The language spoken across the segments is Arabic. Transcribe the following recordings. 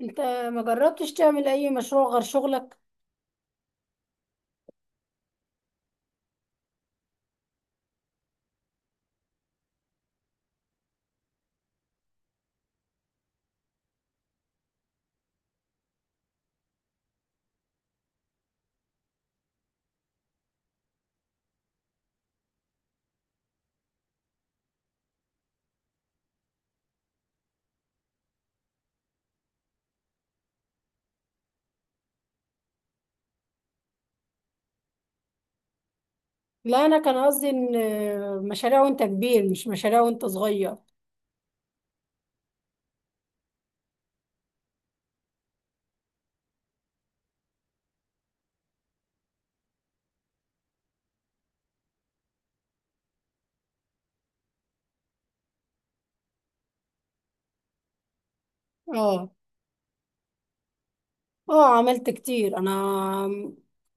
انت ما جربتش تعمل اي مشروع غير شغلك؟ لا، انا كان قصدي ان مشاريع وانت كبير، مش مشاريع وانت صغير. اه، اه عملت كتير انا.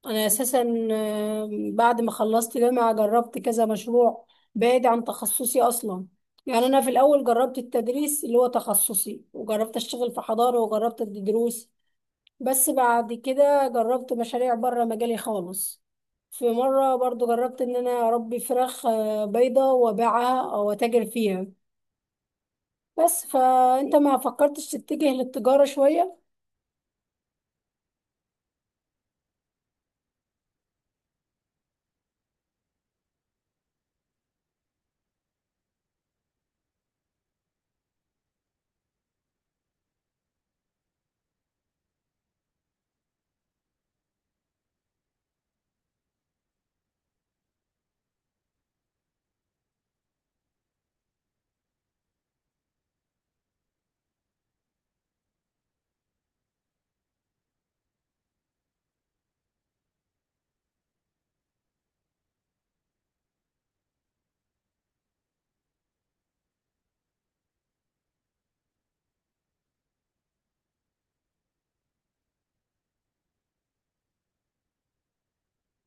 انا اساسا بعد ما خلصت جامعة جربت كذا مشروع بعيد عن تخصصي اصلا. يعني انا في الاول جربت التدريس اللي هو تخصصي، وجربت اشتغل في حضانة، وجربت ادي دروس. بس بعد كده جربت مشاريع بره مجالي خالص. في مرة برضو جربت ان انا اربي فراخ بيضة وابيعها او اتاجر فيها. بس فانت ما فكرتش تتجه للتجارة شوية؟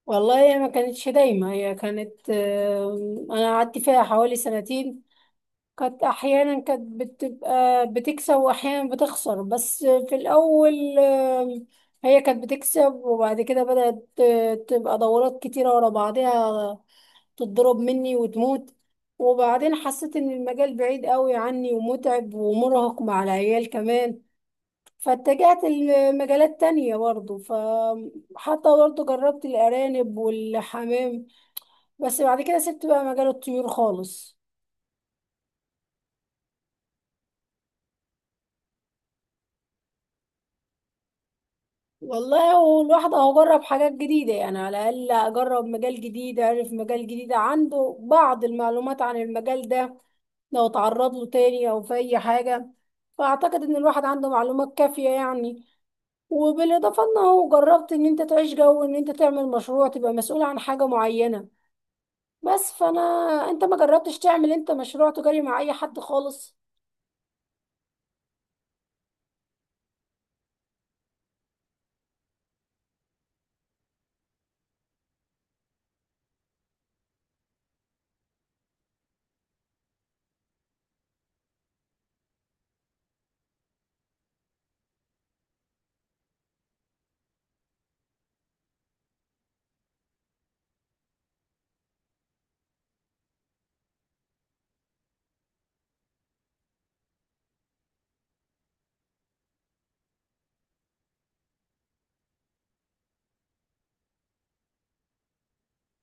والله، هي ما كانتش دايما. هي كانت آه، انا قعدت فيها حوالي سنتين. كانت احيانا كانت بتبقى بتكسب، واحيانا بتخسر. بس في الاول هي كانت بتكسب، وبعد كده بدأت تبقى دورات كتيرة ورا بعضها، تتضرب مني وتموت. وبعدين حسيت ان المجال بعيد قوي عني، ومتعب، ومرهق مع العيال كمان. فاتجهت لمجالات تانية برضه، فحتى برضه جربت الأرانب والحمام. بس بعد كده سبت بقى مجال الطيور خالص. والله، هو الواحد اهو جرب حاجات جديدة، يعني على الأقل أجرب مجال جديد، أعرف مجال جديد، عنده بعض المعلومات عن المجال ده لو تعرض له تاني أو في أي حاجة. فأعتقد إن الواحد عنده معلومات كافية يعني. وبالاضافه انه جربت ان انت تعيش جو ان انت تعمل مشروع، تبقى مسؤول عن حاجه معينه. بس فانا انت ما جربتش تعمل انت مشروع تجاري مع اي حد خالص؟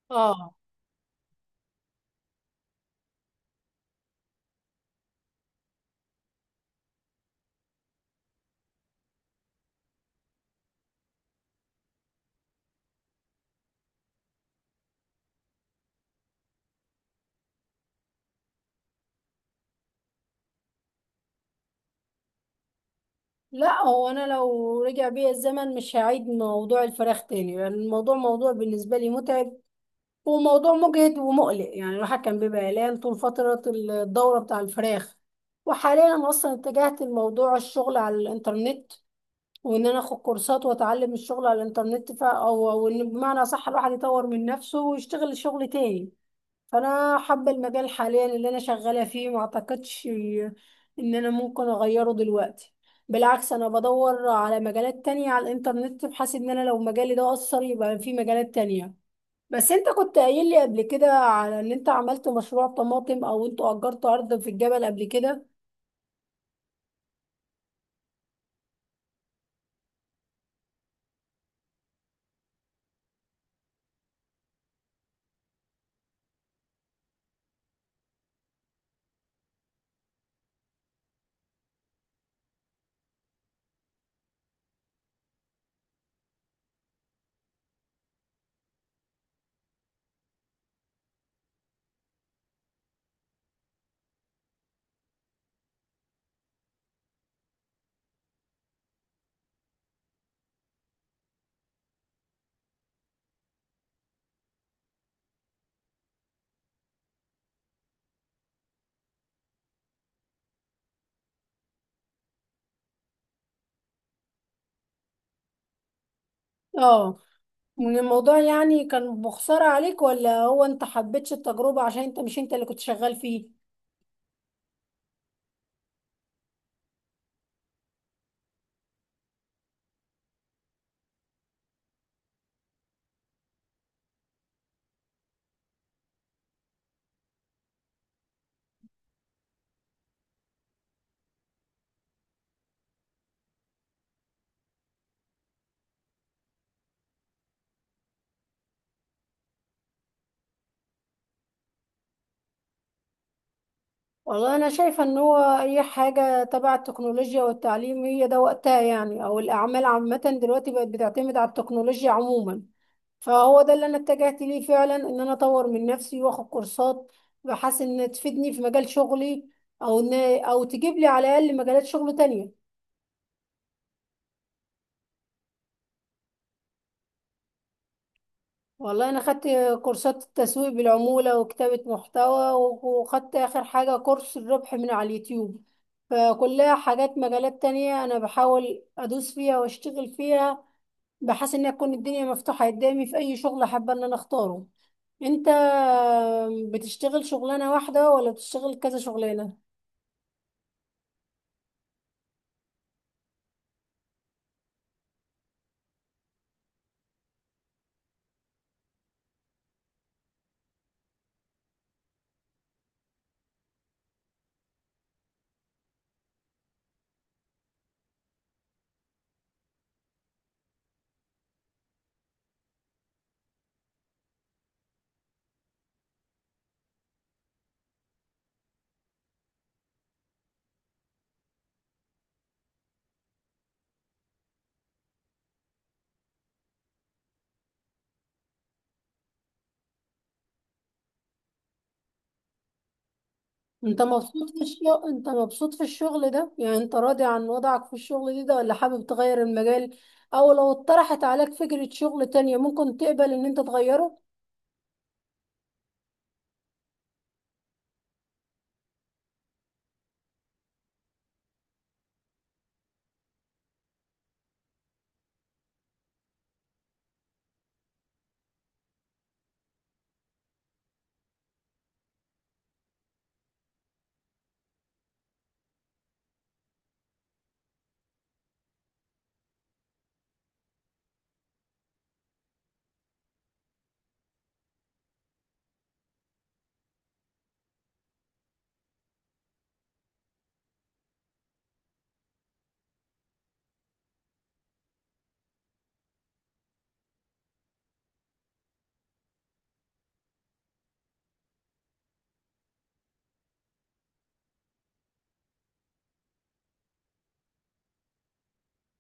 اه. لا، هو انا لو رجع بيا الزمن مش هعيد موضوع الفراخ تاني، لان يعني الموضوع موضوع بالنسبه لي متعب، وموضوع مجهد ومقلق. يعني الواحد كان بيبقى قلقان طول فتره الدوره بتاع الفراخ. وحاليا انا اصلا اتجهت لموضوع الشغل على الانترنت، وان انا اخد كورسات واتعلم الشغل على الانترنت. ف او او ان بمعنى صح الواحد يطور من نفسه ويشتغل شغل تاني. فانا حابه المجال حاليا اللي انا شغاله فيه، ما اعتقدش ان انا ممكن اغيره دلوقتي. بالعكس، انا بدور على مجالات تانية على الانترنت، بحيث ان انا لو مجالي ده اثر يبقى في مجالات تانية. بس انت كنت قايل لي قبل كده على ان انت عملت مشروع طماطم، او انتوا اجرتوا ارض في الجبل قبل كده؟ اه. من الموضوع يعني كان بخسارة عليك، ولا هو انت حبيتش التجربة عشان انت مش انت اللي كنت شغال فيه؟ والله، انا شايفة ان هو اي حاجة تبع التكنولوجيا والتعليم هي ده وقتها، يعني او الاعمال عامة دلوقتي بقت بتعتمد على التكنولوجيا عموما. فهو ده اللي انا اتجهت ليه فعلا، ان انا اطور من نفسي واخد كورسات بحيث ان تفيدني في مجال شغلي، او ان او تجيب لي على الاقل مجالات شغل تانية. والله، انا خدت كورسات التسويق بالعمولة وكتابة محتوى، وخدت اخر حاجة كورس الربح من على اليوتيوب. فكلها حاجات مجالات تانية انا بحاول ادوس فيها واشتغل فيها، بحيث ان تكون الدنيا مفتوحة قدامي في اي شغل حابة ان انا اختاره. انت بتشتغل شغلانة واحدة، ولا بتشتغل كذا شغلانة؟ انت مبسوط في الشغل ده؟ يعني انت راضي عن وضعك في الشغل ده ولا حابب تغير المجال، او لو اتطرحت عليك فكرة شغل تانية ممكن تقبل ان انت تغيره؟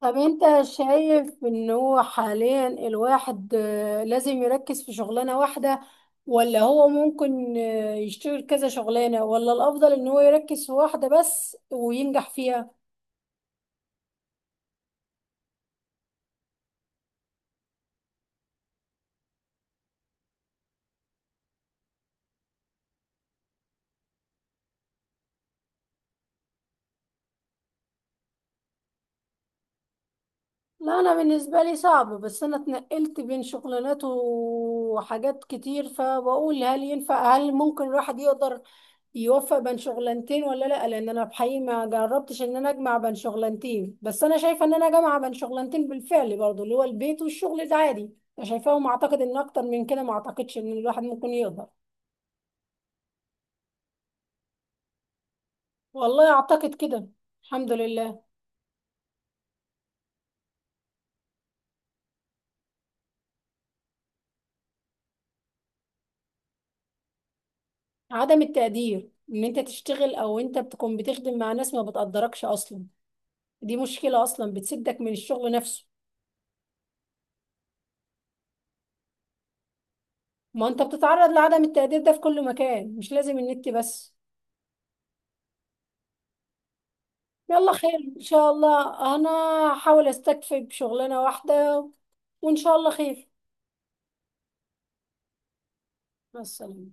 طب انت شايف ان هو حاليا الواحد لازم يركز في شغلانة واحدة، ولا هو ممكن يشتغل كذا شغلانة، ولا الافضل ان هو يركز في واحدة بس وينجح فيها؟ لا، انا بالنسبه لي صعب. بس انا اتنقلت بين شغلانات وحاجات كتير، فبقول هل ينفع، هل ممكن الواحد يقدر يوفق بين شغلانتين ولا لا. لان انا بحقيقي ما جربتش ان انا اجمع بين شغلانتين، بس انا شايفه ان انا جامعه بين شغلانتين بالفعل برضو، اللي هو البيت والشغل العادي. انا شايفاهم، اعتقد ان اكتر من كده ما اعتقدش ان الواحد ممكن يقدر. والله، اعتقد كده. الحمد لله. عدم التقدير ان انت تشتغل، او انت بتكون بتخدم مع ناس ما بتقدركش اصلا. دي مشكلة أصلا بتسدك من الشغل نفسه. ما أنت بتتعرض لعدم التقدير ده في كل مكان، مش لازم النت بس. يلا، خير إن شاء الله. أنا هحاول أستكفي بشغلانة واحدة، وإن شاء الله خير. مع السلامة.